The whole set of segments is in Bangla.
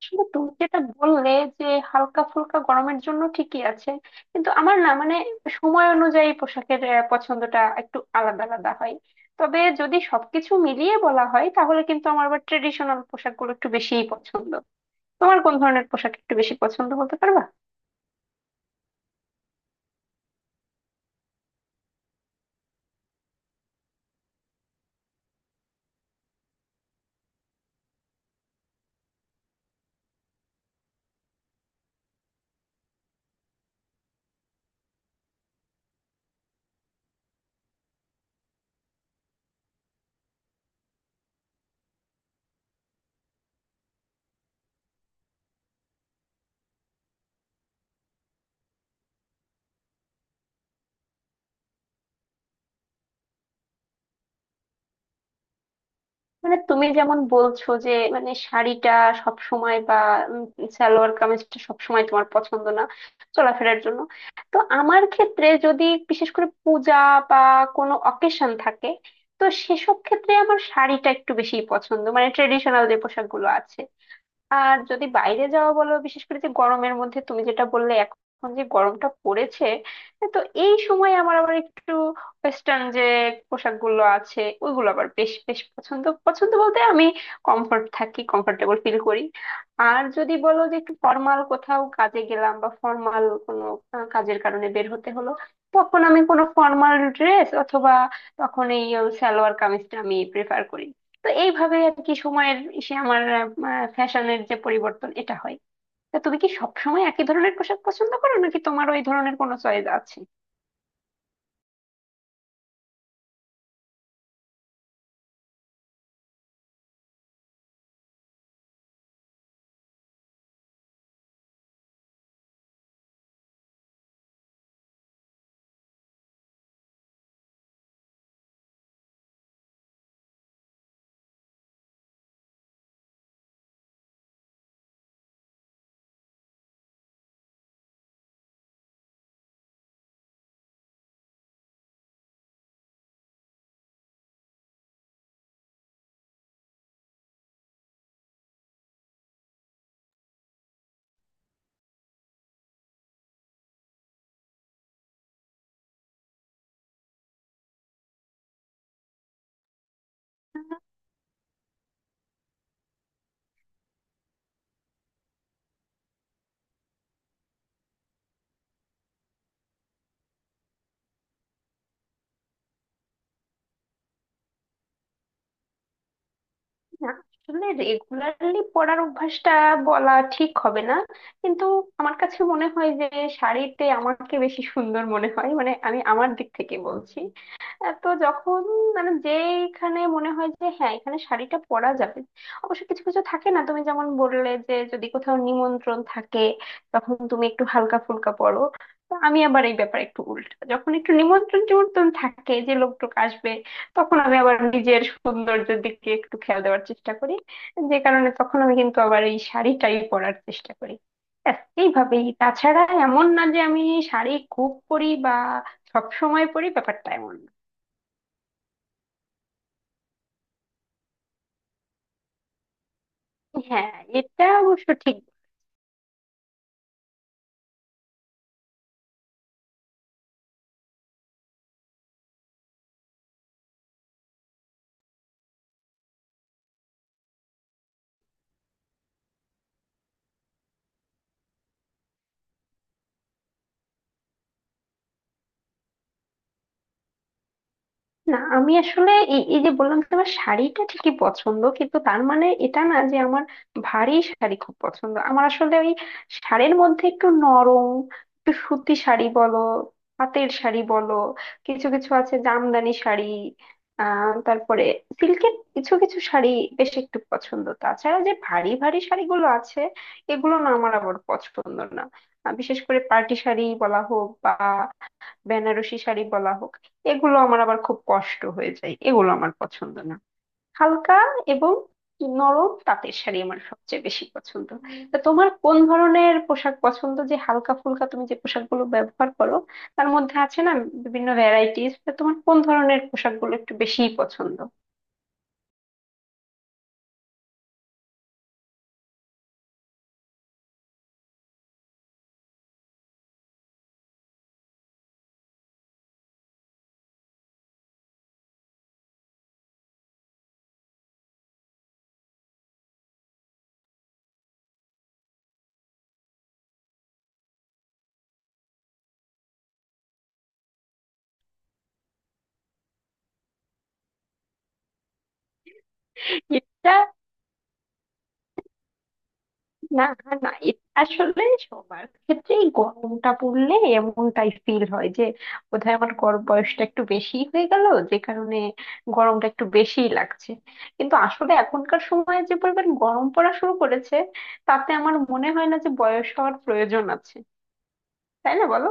আসলে তুমি যেটা বললে যে হালকা ফুলকা গরমের জন্য ঠিকই আছে, কিন্তু আমার না, সময় অনুযায়ী পোশাকের পছন্দটা একটু আলাদা আলাদা হয়। তবে যদি সবকিছু মিলিয়ে বলা হয়, তাহলে কিন্তু আমার আবার ট্রেডিশনাল পোশাকগুলো একটু বেশিই পছন্দ। তোমার কোন ধরনের পোশাক একটু বেশি পছন্দ বলতে পারবা? তুমি যেমন বলছো যে মানে শাড়িটা সব সময় বা উম সালোয়ার কামিজটা সব সময় তোমার পছন্দ না চলাফেরার জন্য। তো আমার ক্ষেত্রে যদি বিশেষ করে পূজা বা কোনো অকেশন থাকে, তো সেসব ক্ষেত্রে আমার শাড়িটা একটু বেশি পছন্দ, মানে ট্রেডিশনাল যে পোশাকগুলো আছে। আর যদি বাইরে যাওয়া বলো, বিশেষ করে যে গরমের মধ্যে তুমি যেটা বললে, এখন যে গরমটা পড়েছে, তো এই সময় আমার আবার একটু ওয়েস্টার্ন যে পোশাকগুলো আছে ওইগুলো আবার বেশ বেশ পছন্দ পছন্দ বলতে আমি কমফর্ট থাকি, কমফোর্টেবল ফিল করি। আর যদি বলো যে একটু ফর্মাল কোথাও কাজে গেলাম, বা ফর্মাল কোনো কাজের কারণে বের হতে হলো, তখন আমি কোনো ফর্মাল ড্রেস অথবা তখন এই সালোয়ার কামিজটা আমি প্রেফার করি। তো এইভাবে আর কি, সময়ের সে আমার ফ্যাশনের যে পরিবর্তন এটা হয়। তা তুমি কি সবসময় একই ধরনের পোশাক পছন্দ করো, নাকি তোমার ওই ধরনের কোনো চয়েস আছে? না, আসলে রেগুলারলি পরার অভ্যাসটা বলা ঠিক হবে না, কিন্তু আমার কাছে মনে হয় যে শাড়িতে আমাকে বেশি সুন্দর মনে হয়, মানে আমি আমার দিক থেকে বলছি। তো যখন মানে যেখানে মনে হয় যে হ্যাঁ এখানে শাড়িটা পরা যাবে। অবশ্য কিছু কিছু থাকে না, তুমি যেমন বললে যে যদি কোথাও নিমন্ত্রণ থাকে তখন তুমি একটু হালকা ফুলকা পরো, তো আমি আবার এই ব্যাপারে একটু উল্টা। যখন একটু নিমন্ত্রণ টিমন্ত্রণ থাকে, যে লোকটোক আসবে, তখন আমি আবার নিজের সৌন্দর্যের দিকে একটু খেয়াল দেওয়ার চেষ্টা করি। যে কারণে তখন আমি কিন্তু আবার এই শাড়িটাই পরার চেষ্টা করি। ব্যাস, এইভাবেই। তাছাড়া এমন না যে আমি শাড়ি খুব পরি বা সব সময় পরি, ব্যাপারটা এমন না। হ্যাঁ, এটা অবশ্য ঠিক। না, আমি আসলে এই এই যে বললাম যে আমার শাড়িটা ঠিকই পছন্দ, কিন্তু তার মানে এটা না যে আমার ভারী শাড়ি খুব পছন্দ। আমার আসলে ওই শাড়ির মধ্যে একটু নরম, একটু সুতি শাড়ি বলো, পাতের শাড়ি বলো, কিছু কিছু আছে জামদানি শাড়ি, আহ তারপরে সিল্কের কিছু কিছু শাড়ি বেশ একটু পছন্দ। তাছাড়া যে ভারী ভারী শাড়িগুলো আছে এগুলো না আমার আবার পছন্দ না। বিশেষ করে পার্টি শাড়ি বলা হোক বা বেনারসি শাড়ি বলা হোক, এগুলো আমার আবার খুব কষ্ট হয়ে যায়, এগুলো আমার পছন্দ না। হালকা এবং নরম তাঁতের শাড়ি আমার সবচেয়ে বেশি পছন্দ। তা তোমার কোন ধরনের পোশাক পছন্দ? যে হালকা ফুলকা তুমি যে পোশাকগুলো ব্যবহার করো তার মধ্যে আছে না বিভিন্ন ভ্যারাইটিস, তোমার কোন ধরনের পোশাকগুলো একটু বেশি পছন্দ? এটা না, না এটা আসলে সবার ক্ষেত্রেই গরমটা পড়লে এমনটাই ফিল হয় যে বোধহয় আমার গরম বয়সটা একটু বেশি হয়ে গেল, যে কারণে গরমটা একটু বেশিই লাগছে। কিন্তু আসলে এখনকার সময়ে যে পরিমাণ গরম পড়া শুরু করেছে, তাতে আমার মনে হয় না যে বয়স হওয়ার প্রয়োজন আছে। তাই না বলো?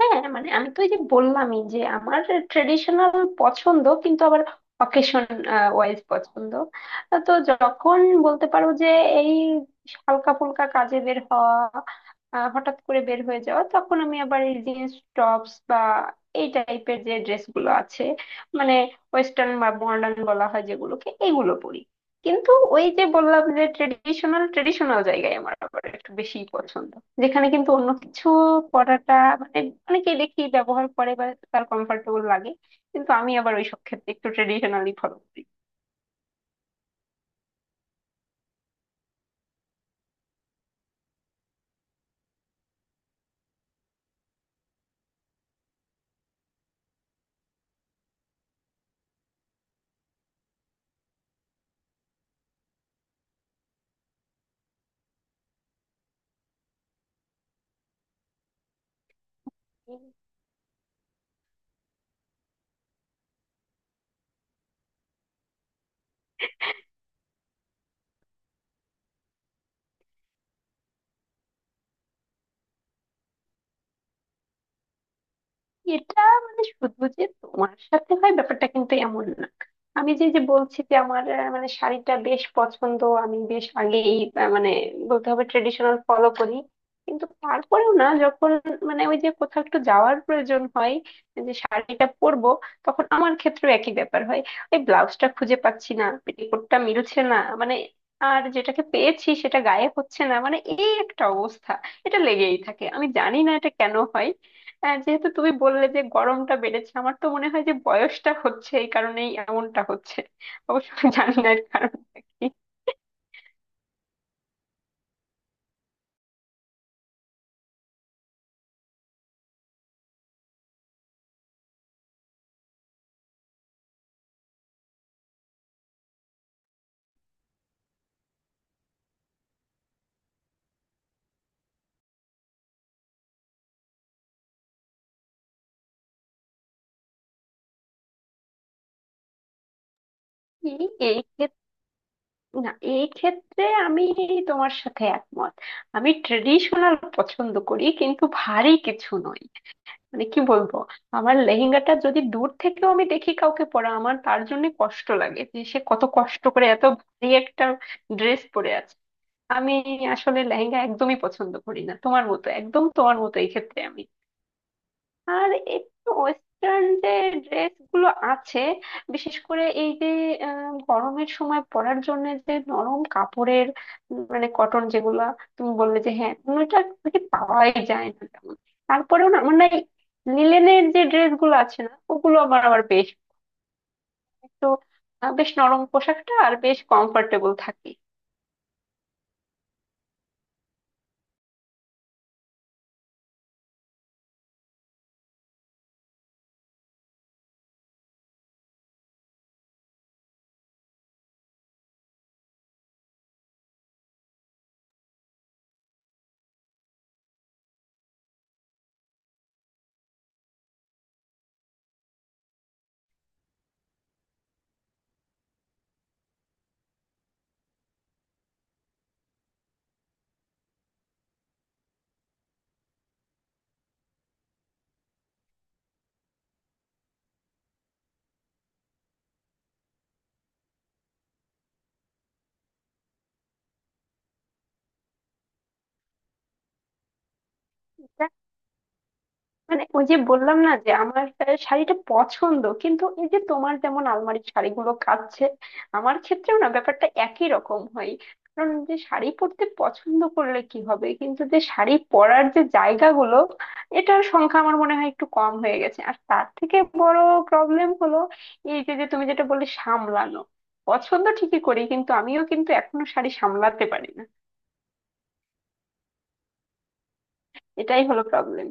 হ্যাঁ, মানে আমি তো এই যে বললামই যে আমার ট্রেডিশনাল পছন্দ, কিন্তু আবার অকেশন ওয়াইজ পছন্দ। তো যখন বলতে পারো যে এই হালকা ফুলকা কাজে বের হওয়া, হঠাৎ করে বের হয়ে যাওয়া, তখন আমি আবার এই জিন্স টপস বা এই টাইপের যে ড্রেস গুলো আছে, মানে ওয়েস্টার্ন বা মডার্ন বলা হয় যেগুলোকে, এগুলো পরি। কিন্তু ওই যে বললাম যে ট্রেডিশনাল ট্রেডিশনাল জায়গায় আমার আবার একটু বেশি পছন্দ, যেখানে কিন্তু অন্য কিছু পড়াটা মানে অনেকেই দেখি ব্যবহার করে বা তার কমফোর্টেবল লাগে, কিন্তু আমি আবার ওইসব ক্ষেত্রে একটু ট্রেডিশনালি ফলো করি। এটা মানে শুধু যে তোমার সাথে হয় ব্যাপারটা কিন্তু এমন না। আমি যে যে বলছি যে আমার মানে শাড়িটা বেশ পছন্দ, আমি বেশ আগেই মানে বলতে হবে ট্রেডিশনাল ফলো করি, কিন্তু তারপরেও না যখন মানে ওই যে কোথাও একটু যাওয়ার প্রয়োজন হয় যে শাড়িটা পরবো, তখন আমার ক্ষেত্রেও একই ব্যাপার হয়। ওই ব্লাউজটা খুঁজে পাচ্ছি না, পেটিকোটটা মিলছে না, মানে আর যেটাকে পেয়েছি সেটা গায়ে হচ্ছে না, মানে এই একটা অবস্থা। এটা লেগেই থাকে, আমি জানি না এটা কেন হয়। হ্যাঁ, যেহেতু তুমি বললে যে গরমটা বেড়েছে, আমার তো মনে হয় যে বয়সটা হচ্ছে, এই কারণেই এমনটা হচ্ছে। অবশ্য আমি জানি না এর কারণটা কি। এই এই ক্ষেত- না, এই ক্ষেত্রে আমি তোমার সাথে একমত। আমি ট্রেডিশনাল পছন্দ করি, কিন্তু ভারী কিছু নয়। মানে কি বলবো, আমার লেহেঙ্গাটা যদি দূর থেকেও আমি দেখি কাউকে পরা, আমার তার জন্য কষ্ট লাগে যে সে কত কষ্ট করে এত ভারী একটা ড্রেস পরে আছে। আমি আসলে লেহেঙ্গা একদমই পছন্দ করি না, তোমার মতো, একদম তোমার মতো এই ক্ষেত্রে আমি। আর একটু ওয়েস্টার্ন যে ড্রেস গুলো আছে, বিশেষ করে এই যে গরমের সময় পরার জন্য যে নরম কাপড়ের মানে কটন যেগুলো, তুমি বললে যে হ্যাঁ ওটা কি পাওয়াই যায় না তেমন, তারপরেও না আমার না এই লিলেনের যে ড্রেস গুলো আছে না ওগুলো আমার আবার বেশ একটু বেশ নরম পোশাকটা আর বেশ কমফোর্টেবল থাকে। মানে ওই যে বললাম না যে আমার শাড়িটা পছন্দ, কিন্তু এই যে তোমার যেমন আলমারির শাড়িগুলো কাচ্ছে, আমার ক্ষেত্রেও না ব্যাপারটা একই রকম হয়। কারণ যে শাড়ি পরতে পছন্দ করলে কি হবে, কিন্তু যে শাড়ি পরার যে জায়গাগুলো এটার সংখ্যা আমার মনে হয় একটু কম হয়ে গেছে। আর তার থেকে বড় প্রবলেম হলো এই যে, তুমি যেটা বললে সামলানো, পছন্দ ঠিকই করি কিন্তু আমিও কিন্তু এখনো শাড়ি সামলাতে পারি না। এটাই হলো প্রবলেম।